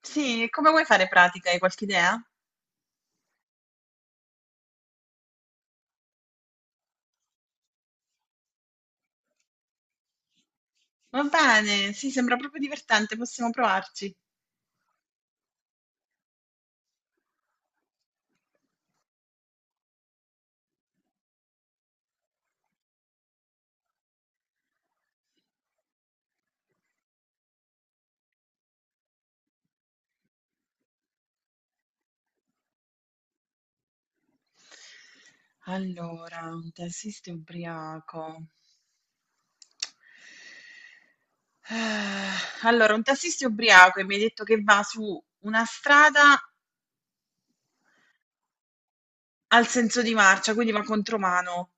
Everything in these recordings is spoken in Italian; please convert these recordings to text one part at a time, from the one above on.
Sì, come vuoi fare pratica? Hai qualche idea? Va bene, sì, sembra proprio divertente, possiamo provarci. Allora, un tassista ubriaco. Ah, allora, un tassista ubriaco e mi hai detto che va su una strada al senso di marcia, quindi va contromano.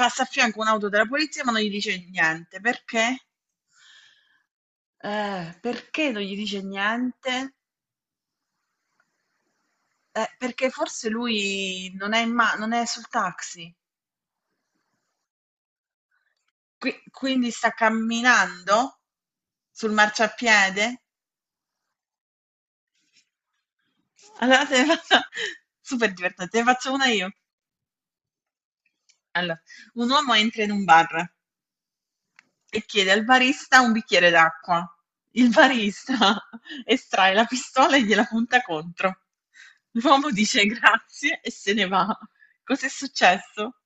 Passa a fianco un'auto della polizia, ma non gli dice niente. Perché? Perché non gli dice niente? Perché forse lui non è sul taxi. Qui quindi sta camminando sul marciapiede? Allora, super divertente, te ne faccio una io. Allora, un uomo entra in un bar e chiede al barista un bicchiere d'acqua. Il barista estrae la pistola e gliela punta contro. L'uomo dice grazie e se ne va. Cos'è successo?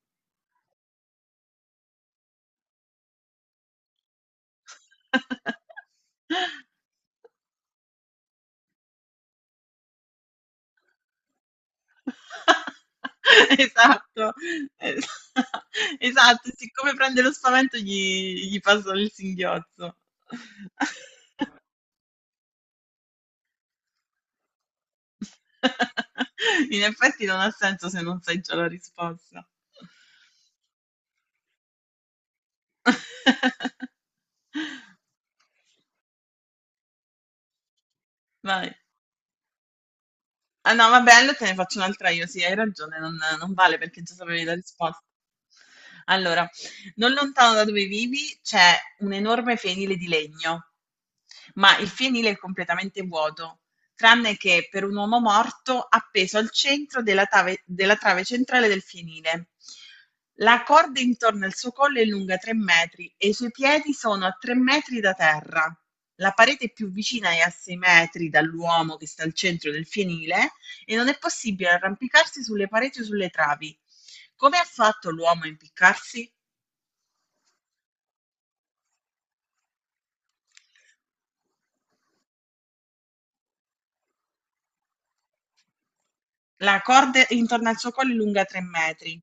Esatto, esa esatto, siccome prende lo spavento gli passa il singhiozzo. In effetti non ha senso se non sai già la risposta. Vai. Ah no, vabbè, allora te ne faccio un'altra io, sì, hai ragione, non vale perché già sapevi la risposta. Allora, non lontano da dove vivi c'è un enorme fienile di legno, ma il fienile è completamente vuoto, tranne che per un uomo morto appeso al centro della trave centrale del fienile. La corda intorno al suo collo è lunga 3 metri e i suoi piedi sono a 3 metri da terra. La parete più vicina è a 6 metri dall'uomo che sta al centro del fienile e non è possibile arrampicarsi sulle pareti o sulle travi. Come ha fatto l'uomo a impiccarsi? La corda intorno al suo collo è lunga 3 metri.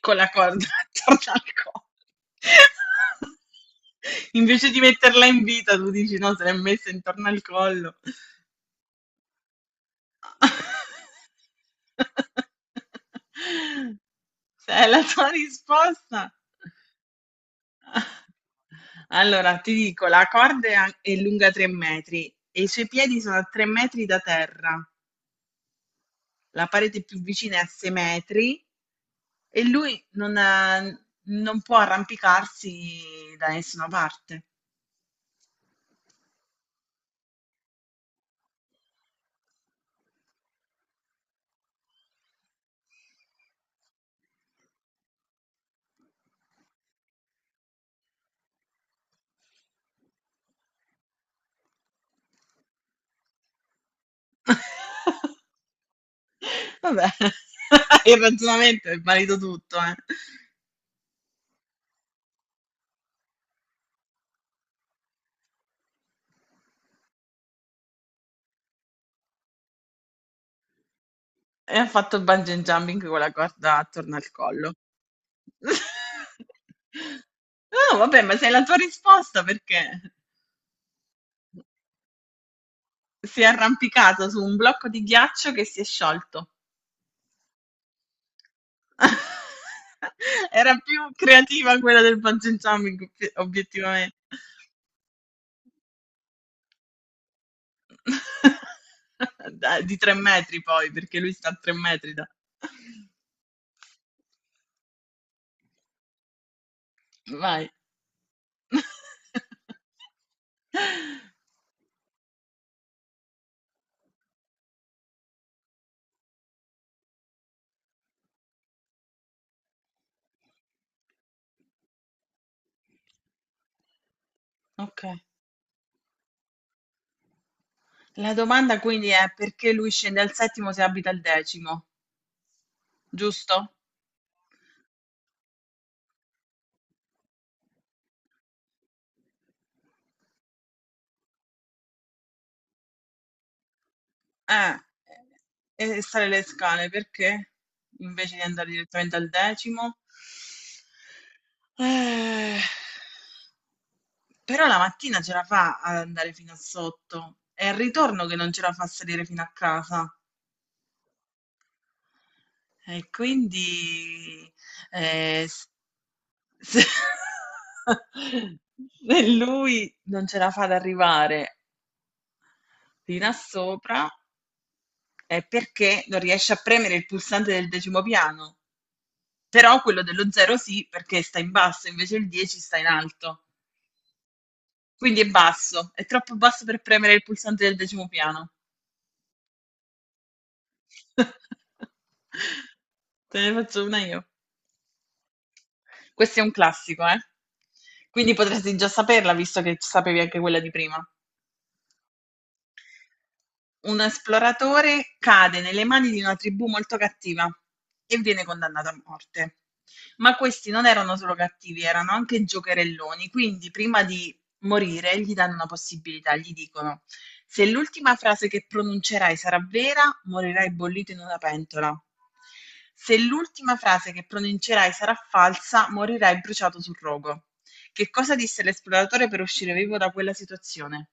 Con la corda intorno al collo. Invece di metterla in vita, tu dici no, se l'è messa intorno al collo. Se è la tua risposta. Allora, ti dico, la corda è lunga 3 metri e i suoi piedi sono a 3 metri da terra. La parete più vicina è a 6 metri e lui non può arrampicarsi da nessuna parte. Vabbè, il ragionamento è valido tutto, eh. E ha fatto il bungee jumping con la corda attorno al collo. No, vabbè, ma sei la tua risposta perché? Si è arrampicato su un blocco di ghiaccio che si è sciolto. Era più creativa quella del bungee jumping, obiettivamente. Dai, di 3 metri poi, perché lui sta a 3 metri da... Vai. Ok. La domanda quindi è perché lui scende al settimo se abita al decimo, giusto? Eh, e sale le scale perché? Invece di andare direttamente al decimo. Eh, però la mattina ce la fa ad andare fino a sotto. È il ritorno che non ce la fa a salire fino a casa. E quindi s- se, se lui non ce la fa ad arrivare fino a sopra, è perché non riesce a premere il pulsante del decimo piano. Però quello dello 0 sì, perché sta in basso, invece il 10 sta in alto. Quindi è basso, è troppo basso per premere il pulsante del decimo piano. Te ne faccio una io. Questo è un classico, eh? Quindi potresti già saperla, visto che sapevi anche quella di prima. Un esploratore cade nelle mani di una tribù molto cattiva e viene condannato a morte. Ma questi non erano solo cattivi, erano anche giocherelloni, quindi prima di morire gli danno una possibilità, gli dicono se l'ultima frase che pronuncerai sarà vera, morirai bollito in una pentola. Se l'ultima frase che pronuncerai sarà falsa, morirai bruciato sul rogo. Che cosa disse l'esploratore per uscire vivo da quella situazione?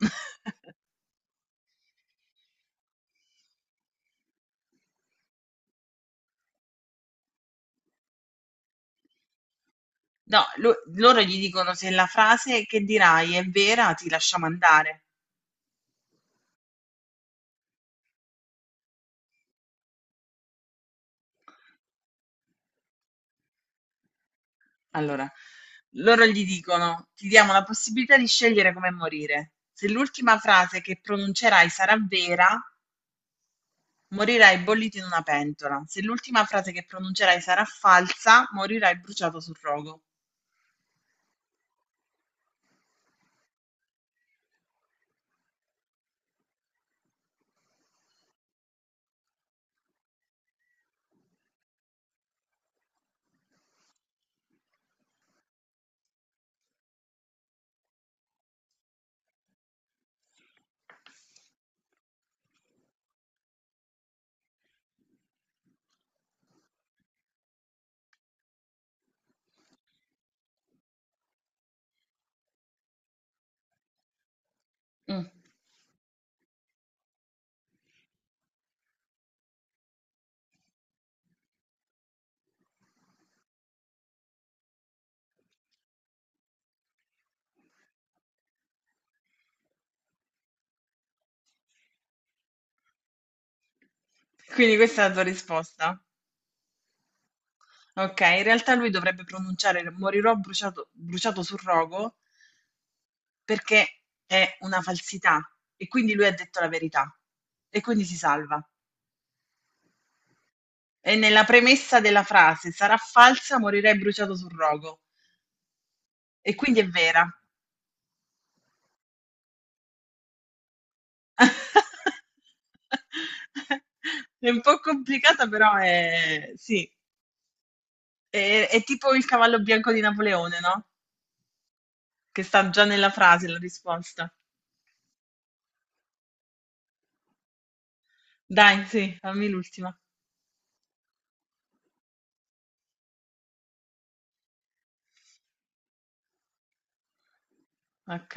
No, loro gli dicono se la frase che dirai è vera, ti lasciamo andare. Allora, loro gli dicono, ti diamo la possibilità di scegliere come morire. Se l'ultima frase che pronuncerai sarà vera, morirai bollito in una pentola. Se l'ultima frase che pronuncerai sarà falsa, morirai bruciato sul rogo. Mm. Quindi questa è la tua risposta? Ok, in realtà lui dovrebbe pronunciare morirò bruciato, bruciato sul rogo perché è una falsità e quindi lui ha detto la verità e quindi si salva. E nella premessa della frase sarà falsa, morirei bruciato sul rogo e quindi è vera. È un po' complicata, però è sì, è tipo il cavallo bianco di Napoleone, no? Che sta già nella frase la risposta. Dai, sì, fammi l'ultima. Ok.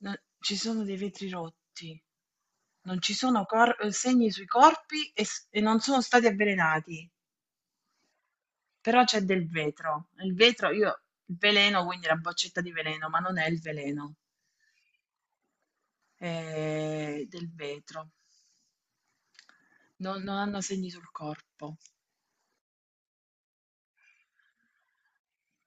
No, ci sono dei vetri rotti, non ci sono cor segni sui corpi e non sono stati avvelenati, però c'è del vetro. Il vetro io il veleno, quindi la boccetta di veleno, ma non è il veleno, è del vetro. Non hanno segni sul corpo.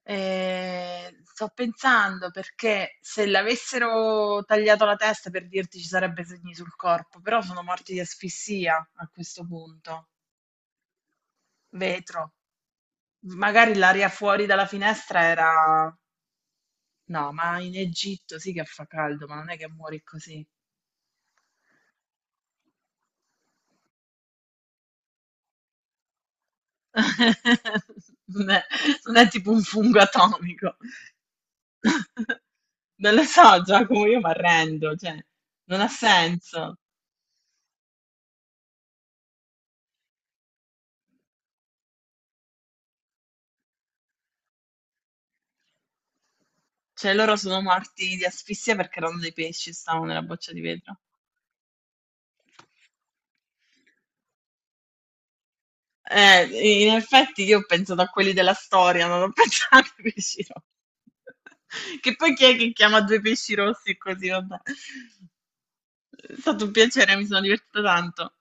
Sto pensando perché se l'avessero tagliato la testa, per dirti, ci sarebbe segni sul corpo, però sono morti di asfissia a questo punto. Vetro. Magari l'aria fuori dalla finestra era... No, ma in Egitto sì che fa caldo, ma non è che muori così. Non è, non è tipo un fungo atomico. Non lo so, Giacomo, io mi arrendo, cioè, non ha senso. Cioè, loro sono morti di asfissia perché erano dei pesci, stavano nella boccia di vetro. In effetti io ho pensato a quelli della storia, non ho pensato ai pesci rossi. Che poi chi è che chiama due pesci rossi così, vabbè. È stato un piacere, mi sono divertita tanto.